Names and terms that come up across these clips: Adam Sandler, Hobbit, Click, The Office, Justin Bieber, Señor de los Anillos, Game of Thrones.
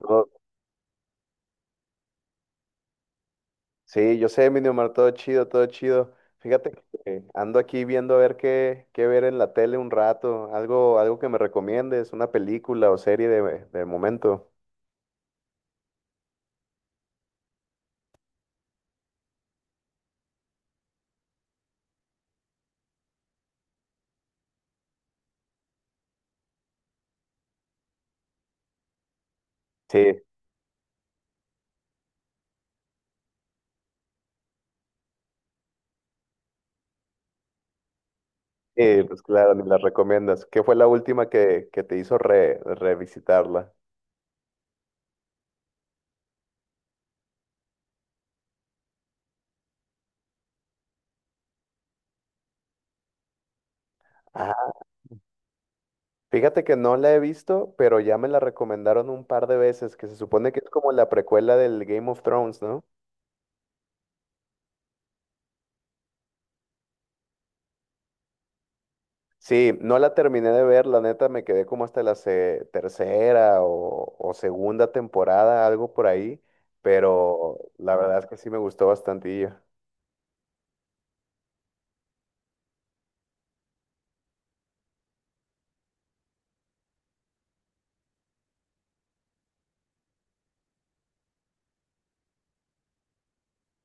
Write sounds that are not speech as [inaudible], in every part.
No, sí, yo sé, mi Miniomar, todo chido, todo chido. Fíjate que ando aquí viendo a ver qué ver en la tele un rato, algo que me recomiendes, una película o serie de momento. Sí, sí, pues claro, ni las recomiendas. ¿Qué fue la última que te hizo revisitarla? Ah, fíjate que no la he visto, pero ya me la recomendaron un par de veces, que se supone que es como la precuela del Game of Thrones, ¿no? Sí, no la terminé de ver, la neta me quedé como hasta la tercera o segunda temporada, algo por ahí, pero la verdad es que sí me gustó bastante.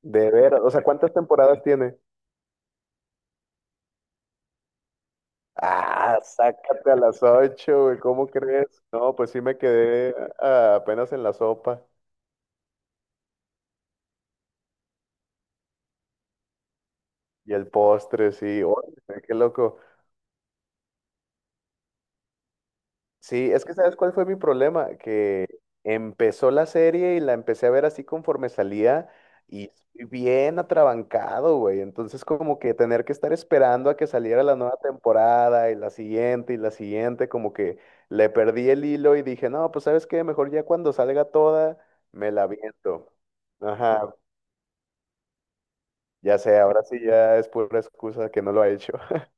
De ver, o sea, ¿cuántas temporadas tiene? Ah, sácate a las ocho, güey, ¿cómo crees? No, pues sí me quedé apenas en la sopa y el postre, sí, órale, qué loco. Sí, es que ¿sabes cuál fue mi problema? Que empezó la serie y la empecé a ver así conforme salía y estoy bien atrabancado, güey. Entonces como que tener que estar esperando a que saliera la nueva temporada y la siguiente, como que le perdí el hilo y dije, no, pues ¿sabes qué? Mejor ya cuando salga toda, me la viento. Ajá, ya sé, ahora sí ya es pura excusa que no lo ha hecho. [laughs]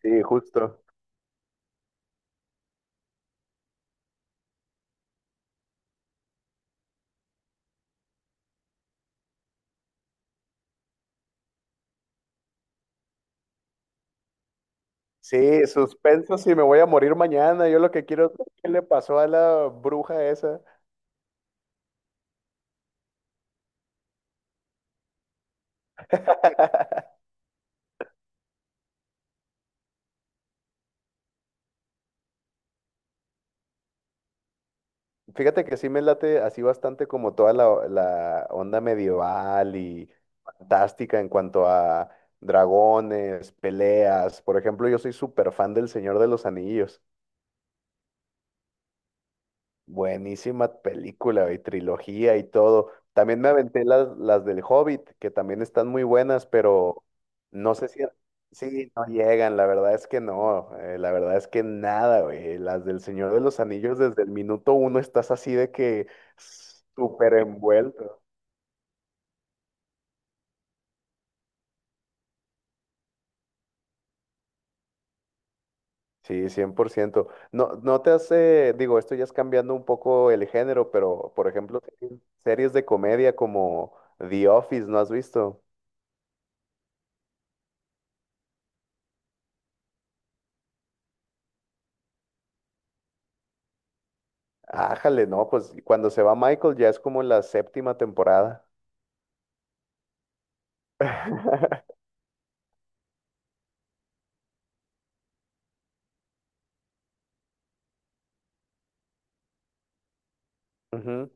Sí, justo. Sí, suspenso si me voy a morir mañana. Yo lo que quiero es ver qué le pasó a la bruja esa. [laughs] Fíjate que sí me late así bastante como toda la onda medieval y fantástica en cuanto a dragones, peleas. Por ejemplo, yo soy súper fan del Señor de los Anillos. Buenísima película y trilogía y todo. También me aventé las del Hobbit, que también están muy buenas, pero no sé si... Sí, no llegan, la verdad es que no, la verdad es que nada, güey. Las del Señor de los Anillos, desde el minuto uno estás así de que súper envuelto. Sí, 100%. No, no te hace, digo, esto ya es cambiando un poco el género, pero por ejemplo, series de comedia como The Office, ¿no has visto? Ájale, no, pues cuando se va Michael ya es como la séptima temporada. [laughs] Ujú,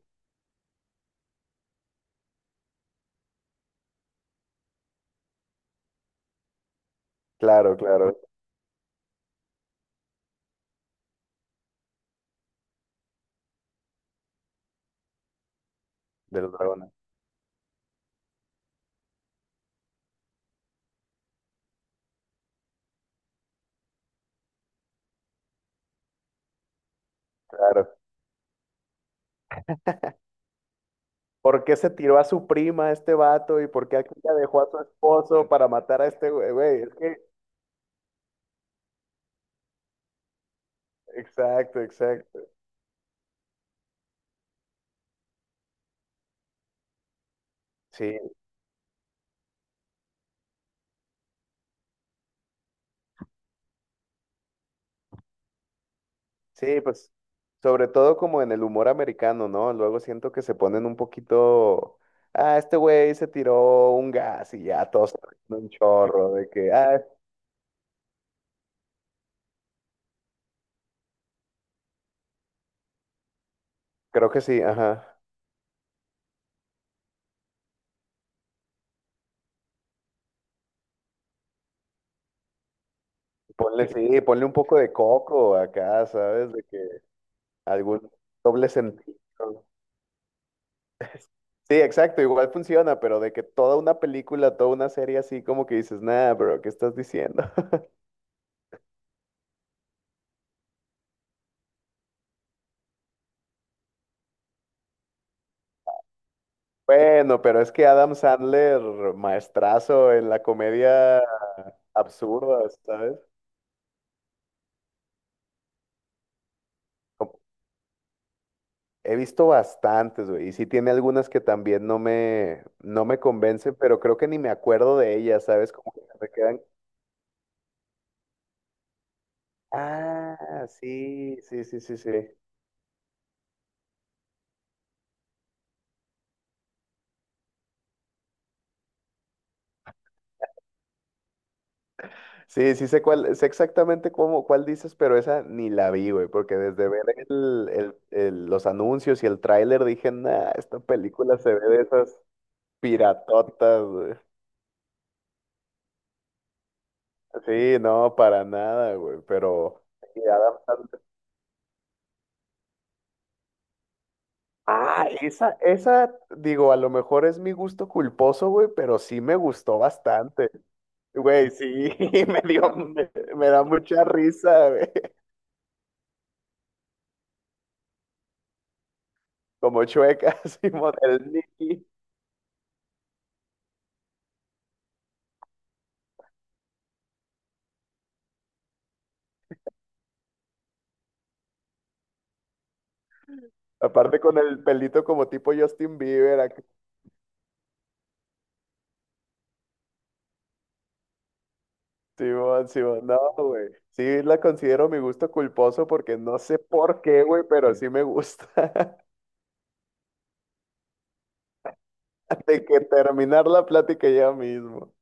claro, claro, de los dragones, claro. ¿Por qué se tiró a su prima este vato y por qué aquella dejó a su esposo para matar a este güey? Güey, es que, exacto, exacto. Sí, sí, pues sobre todo como en el humor americano, ¿no? Luego siento que se ponen un poquito, ah, este güey se tiró un gas y ya todos se ríen un chorro de que, ah, creo que sí, ajá. Ponle, [laughs] sí, ponle un poco de coco acá, ¿sabes? De que algún doble sentido. Sí, exacto, igual funciona, pero de que toda una película, toda una serie así, como que dices, nah, bro, ¿qué estás diciendo? [laughs] Bueno, pero es que Adam Sandler, maestrazo en la comedia absurda, ¿sabes? Como- He visto bastantes, güey, y sí tiene algunas que también no me convencen, pero creo que ni me acuerdo de ellas, ¿sabes? Como que se me quedan. Ah, sí, sí, sí, sí, sí. Sí, sí sé cuál, sé exactamente cuál dices, pero esa ni la vi, güey, porque desde ver los anuncios y el tráiler dije, nah, esta película se ve de esas piratotas, güey. Sí, no, para nada, güey, pero... y ah, esa, digo, a lo mejor es mi gusto culposo, güey, pero sí me gustó bastante. Güey, sí, [laughs] me dio, me, me da mucha risa, güey. Como chueca, [laughs] Simón, el Nicky. Aparte con el pelito como tipo Justin Bieber, Simón, Simón, no, güey. Sí la considero mi gusto culposo porque no sé por qué, güey, pero sí me gusta. [laughs] De que terminar la plática ya mismo.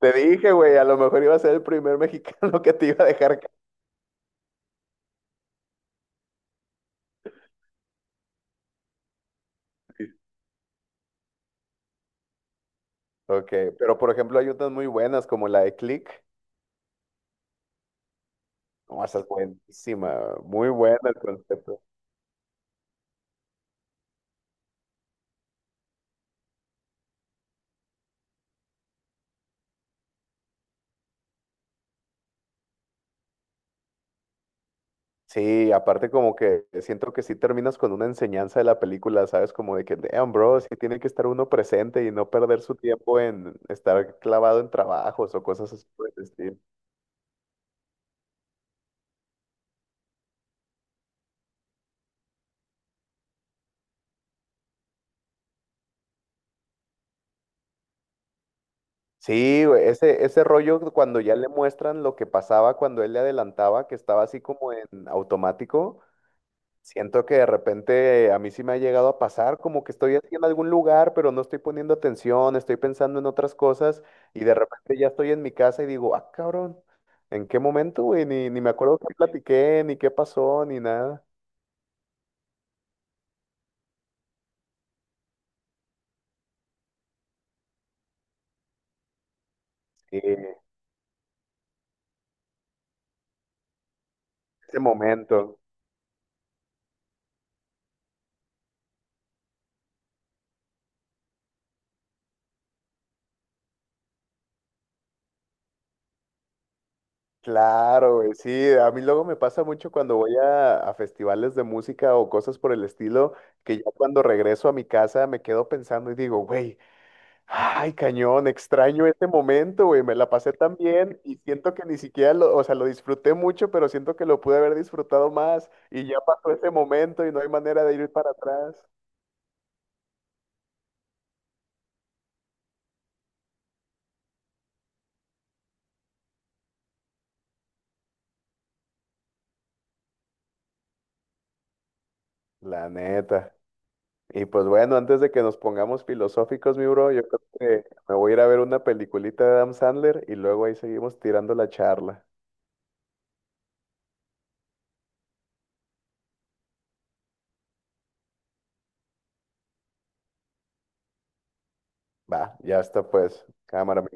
Te dije, güey, a lo mejor iba a ser el primer [laughs] mexicano que te iba a dejar. Ok, pero por ejemplo hay otras muy buenas como la de Click. No, esa es buenísima, muy buena el concepto. Sí, aparte como que siento que sí terminas con una enseñanza de la película, ¿sabes? Como de que, damn, bro, sí tiene que estar uno presente y no perder su tiempo en estar clavado en trabajos o cosas así por el estilo. Sí, güey, ese rollo cuando ya le muestran lo que pasaba cuando él le adelantaba, que estaba así como en automático. Siento que de repente a mí sí me ha llegado a pasar como que estoy en algún lugar, pero no estoy poniendo atención, estoy pensando en otras cosas y de repente ya estoy en mi casa y digo, ah, cabrón, ¿en qué momento, güey? Ni me acuerdo qué platiqué, ni qué pasó, ni nada. Sí, ese momento. Claro, güey, sí, a mí luego me pasa mucho cuando voy a festivales de música o cosas por el estilo, que ya cuando regreso a mi casa me quedo pensando y digo, güey. Ay, cañón, extraño este momento, güey. Me la pasé tan bien y siento que ni siquiera lo, o sea, lo disfruté mucho, pero siento que lo pude haber disfrutado más y ya pasó ese momento y no hay manera de ir para atrás. La neta. Y pues bueno, antes de que nos pongamos filosóficos, mi bro, yo creo que me voy a ir a ver una peliculita de Adam Sandler y luego ahí seguimos tirando la charla. Va, ya está pues. Cámara, mi